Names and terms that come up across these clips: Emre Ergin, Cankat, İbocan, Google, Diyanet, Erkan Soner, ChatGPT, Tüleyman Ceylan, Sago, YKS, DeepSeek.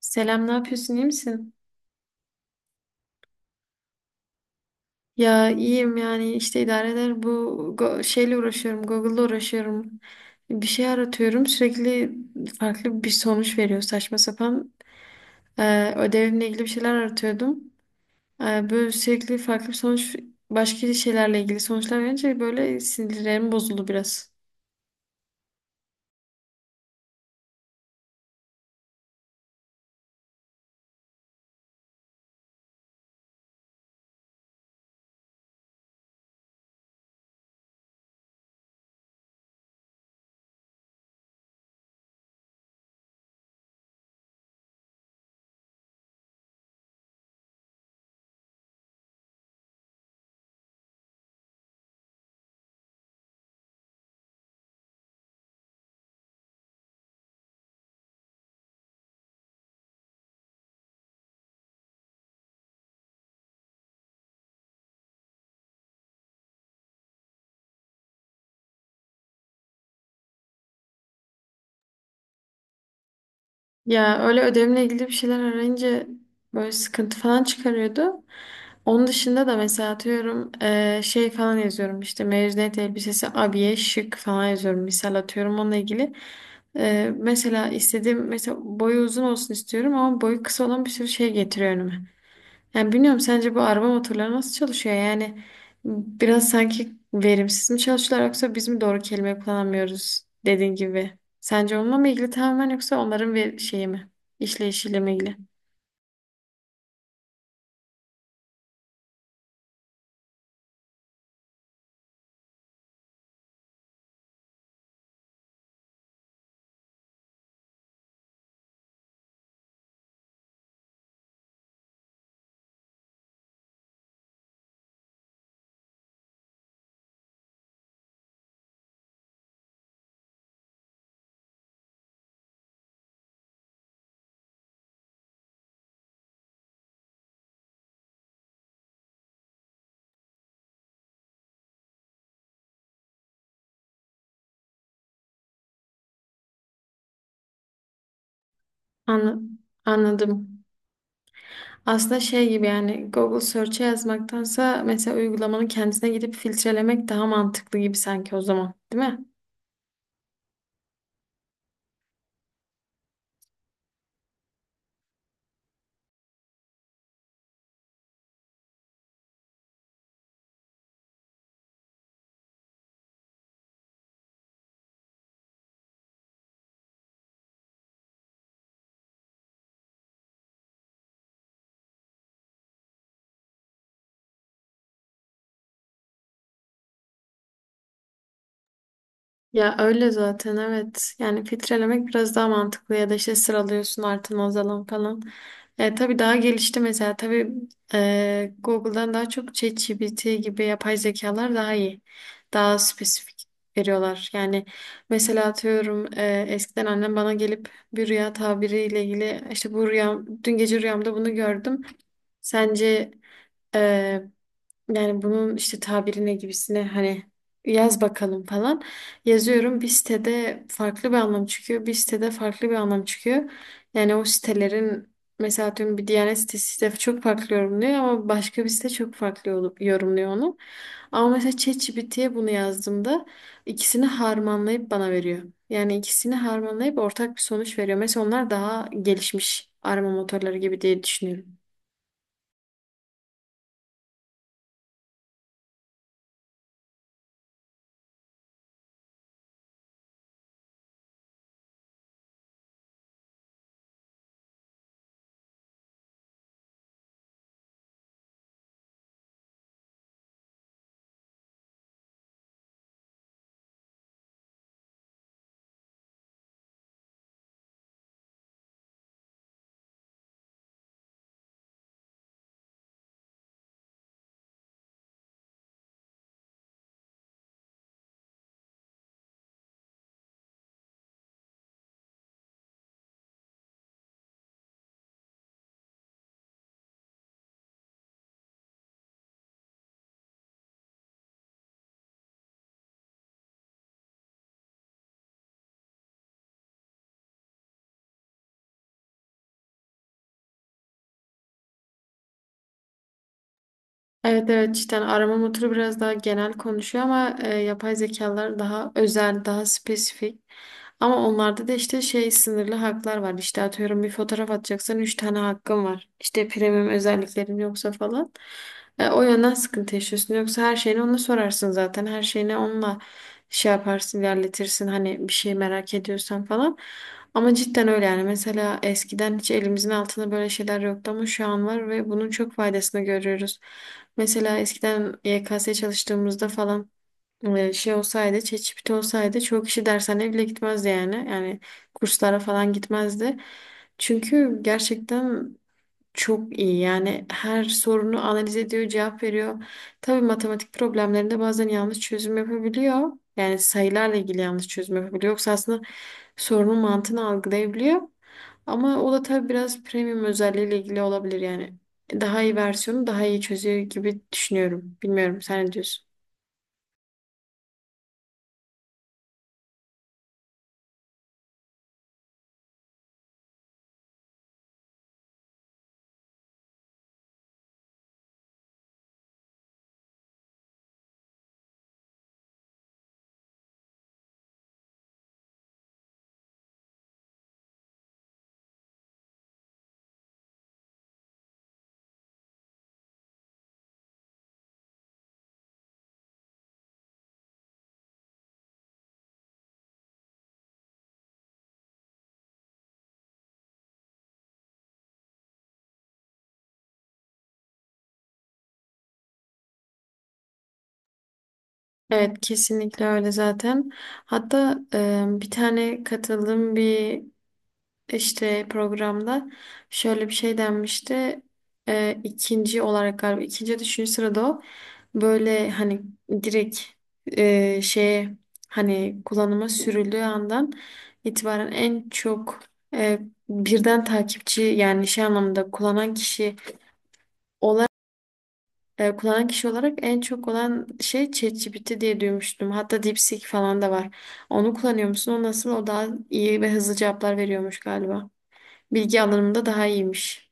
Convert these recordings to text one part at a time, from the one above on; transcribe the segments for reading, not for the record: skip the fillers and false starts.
Selam, ne yapıyorsun, iyi misin? Ya iyiyim yani işte idare eder. Bu şeyle uğraşıyorum, Google'la uğraşıyorum. Bir şey aratıyorum, sürekli farklı bir sonuç veriyor saçma sapan. Ödevimle ilgili bir şeyler aratıyordum. Böyle sürekli farklı bir sonuç, başka şeylerle ilgili sonuçlar verince böyle sinirlerim bozuldu biraz. Ya öyle ödevimle ilgili bir şeyler arayınca böyle sıkıntı falan çıkarıyordu. Onun dışında da mesela atıyorum şey falan yazıyorum işte mezuniyet elbisesi abiye şık falan yazıyorum misal atıyorum onunla ilgili. Mesela istediğim mesela boyu uzun olsun istiyorum ama boyu kısa olan bir sürü şey getiriyor önüme. Yani bilmiyorum sence bu araba motorları nasıl çalışıyor? Yani biraz sanki verimsiz mi çalışıyorlar yoksa biz mi doğru kelime kullanamıyoruz dediğin gibi. Sence onunla mı ilgili tamamen yoksa onların ve şeyi mi? İşleyişiyle mi ilgili? Anla- Anladım. Aslında şey gibi yani Google Search'e yazmaktansa mesela uygulamanın kendisine gidip filtrelemek daha mantıklı gibi sanki o zaman, değil mi? Ya öyle zaten evet. Yani filtrelemek biraz daha mantıklı ya da işte sıralıyorsun artan azalan falan. Tabii daha gelişti mesela. Tabii Google'dan daha çok ChatGPT gibi yapay zekalar daha iyi. Daha spesifik veriyorlar. Yani mesela atıyorum eskiden annem bana gelip bir rüya tabiriyle ilgili işte bu rüyam dün gece rüyamda bunu gördüm. Sence e, yani bunun işte tabirine gibisine hani yaz bakalım falan. Yazıyorum bir sitede farklı bir anlam çıkıyor. Bir sitede farklı bir anlam çıkıyor. Yani o sitelerin mesela atıyorum bir Diyanet sitesi de çok farklı yorumluyor ama başka bir site çok farklı olup yorumluyor onu. Ama mesela ChatGPT'ye bunu yazdığımda ikisini harmanlayıp bana veriyor. Yani ikisini harmanlayıp ortak bir sonuç veriyor. Mesela onlar daha gelişmiş arama motorları gibi diye düşünüyorum. Evet evet cidden arama motoru biraz daha genel konuşuyor ama yapay zekalar daha özel, daha spesifik. Ama onlarda da işte şey sınırlı haklar var. İşte atıyorum bir fotoğraf atacaksan 3 tane hakkın var. İşte premium özelliklerin yoksa falan. O yönden sıkıntı yaşıyorsun. Yoksa her şeyini ona sorarsın zaten. Her şeyini onunla şey yaparsın, ilerletirsin. Hani bir şey merak ediyorsan falan. Ama cidden öyle yani. Mesela eskiden hiç elimizin altında böyle şeyler yoktu ama şu an var ve bunun çok faydasını görüyoruz. Mesela eskiden YKS çalıştığımızda falan şey olsaydı, ChatGPT olsaydı çoğu kişi dershaneye bile gitmezdi yani. Yani kurslara falan gitmezdi. Çünkü gerçekten çok iyi yani her sorunu analiz ediyor, cevap veriyor. Tabii matematik problemlerinde bazen yanlış çözüm yapabiliyor. Yani sayılarla ilgili yanlış çözüm yapabiliyor. Yoksa aslında sorunun mantığını algılayabiliyor. Ama o da tabii biraz premium özelliğiyle ilgili olabilir yani. Daha iyi versiyonu daha iyi çözüyor gibi düşünüyorum. Bilmiyorum sen ne diyorsun? Evet kesinlikle öyle zaten. Hatta bir tane katıldığım bir işte programda şöyle bir şey denmişti. İkinci olarak galiba ikinci ya da üçüncü sırada o böyle hani direkt şeye hani kullanıma sürüldüğü andan itibaren en çok e, birden takipçi yani şey anlamında kullanan kişi olarak kullanan kişi olarak en çok olan şey ChatGPT diye duymuştum. Hatta DeepSeek falan da var. Onu kullanıyor musun? O nasıl? O daha iyi ve hızlı cevaplar veriyormuş galiba. Bilgi alanımda daha iyiymiş.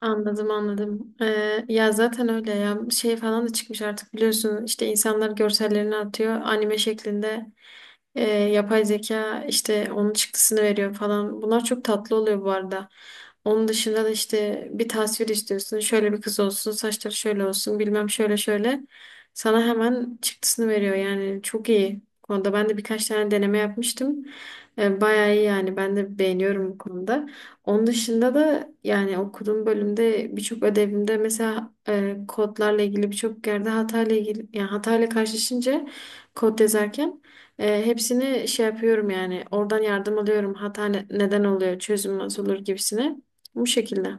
Anladım anladım. Ya zaten öyle ya şey falan da çıkmış artık biliyorsun işte insanlar görsellerini atıyor anime şeklinde. Yapay zeka işte onun çıktısını veriyor falan. Bunlar çok tatlı oluyor bu arada. Onun dışında da işte bir tasvir istiyorsun şöyle bir kız olsun saçları şöyle olsun bilmem şöyle şöyle sana hemen çıktısını veriyor yani çok iyi. Bu konuda ben de birkaç tane deneme yapmıştım. Bayağı iyi yani ben de beğeniyorum bu konuda. Onun dışında da yani okuduğum bölümde birçok ödevimde mesela kodlarla ilgili birçok yerde hatayla ilgili yani hatayla karşılaşınca kod yazarken hepsini şey yapıyorum yani oradan yardım alıyorum hata neden oluyor çözüm nasıl olur gibisine bu şekilde.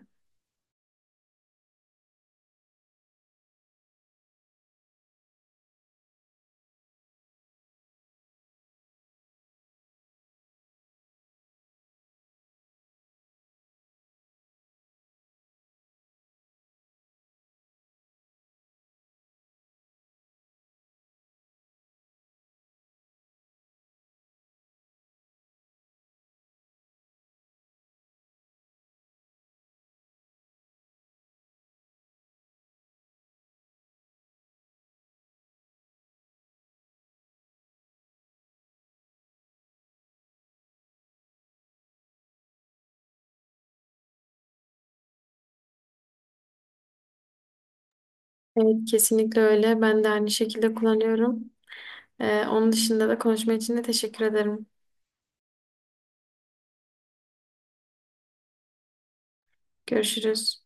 Evet kesinlikle öyle ben de aynı şekilde kullanıyorum. Onun dışında da konuşma için de teşekkür ederim. Görüşürüz.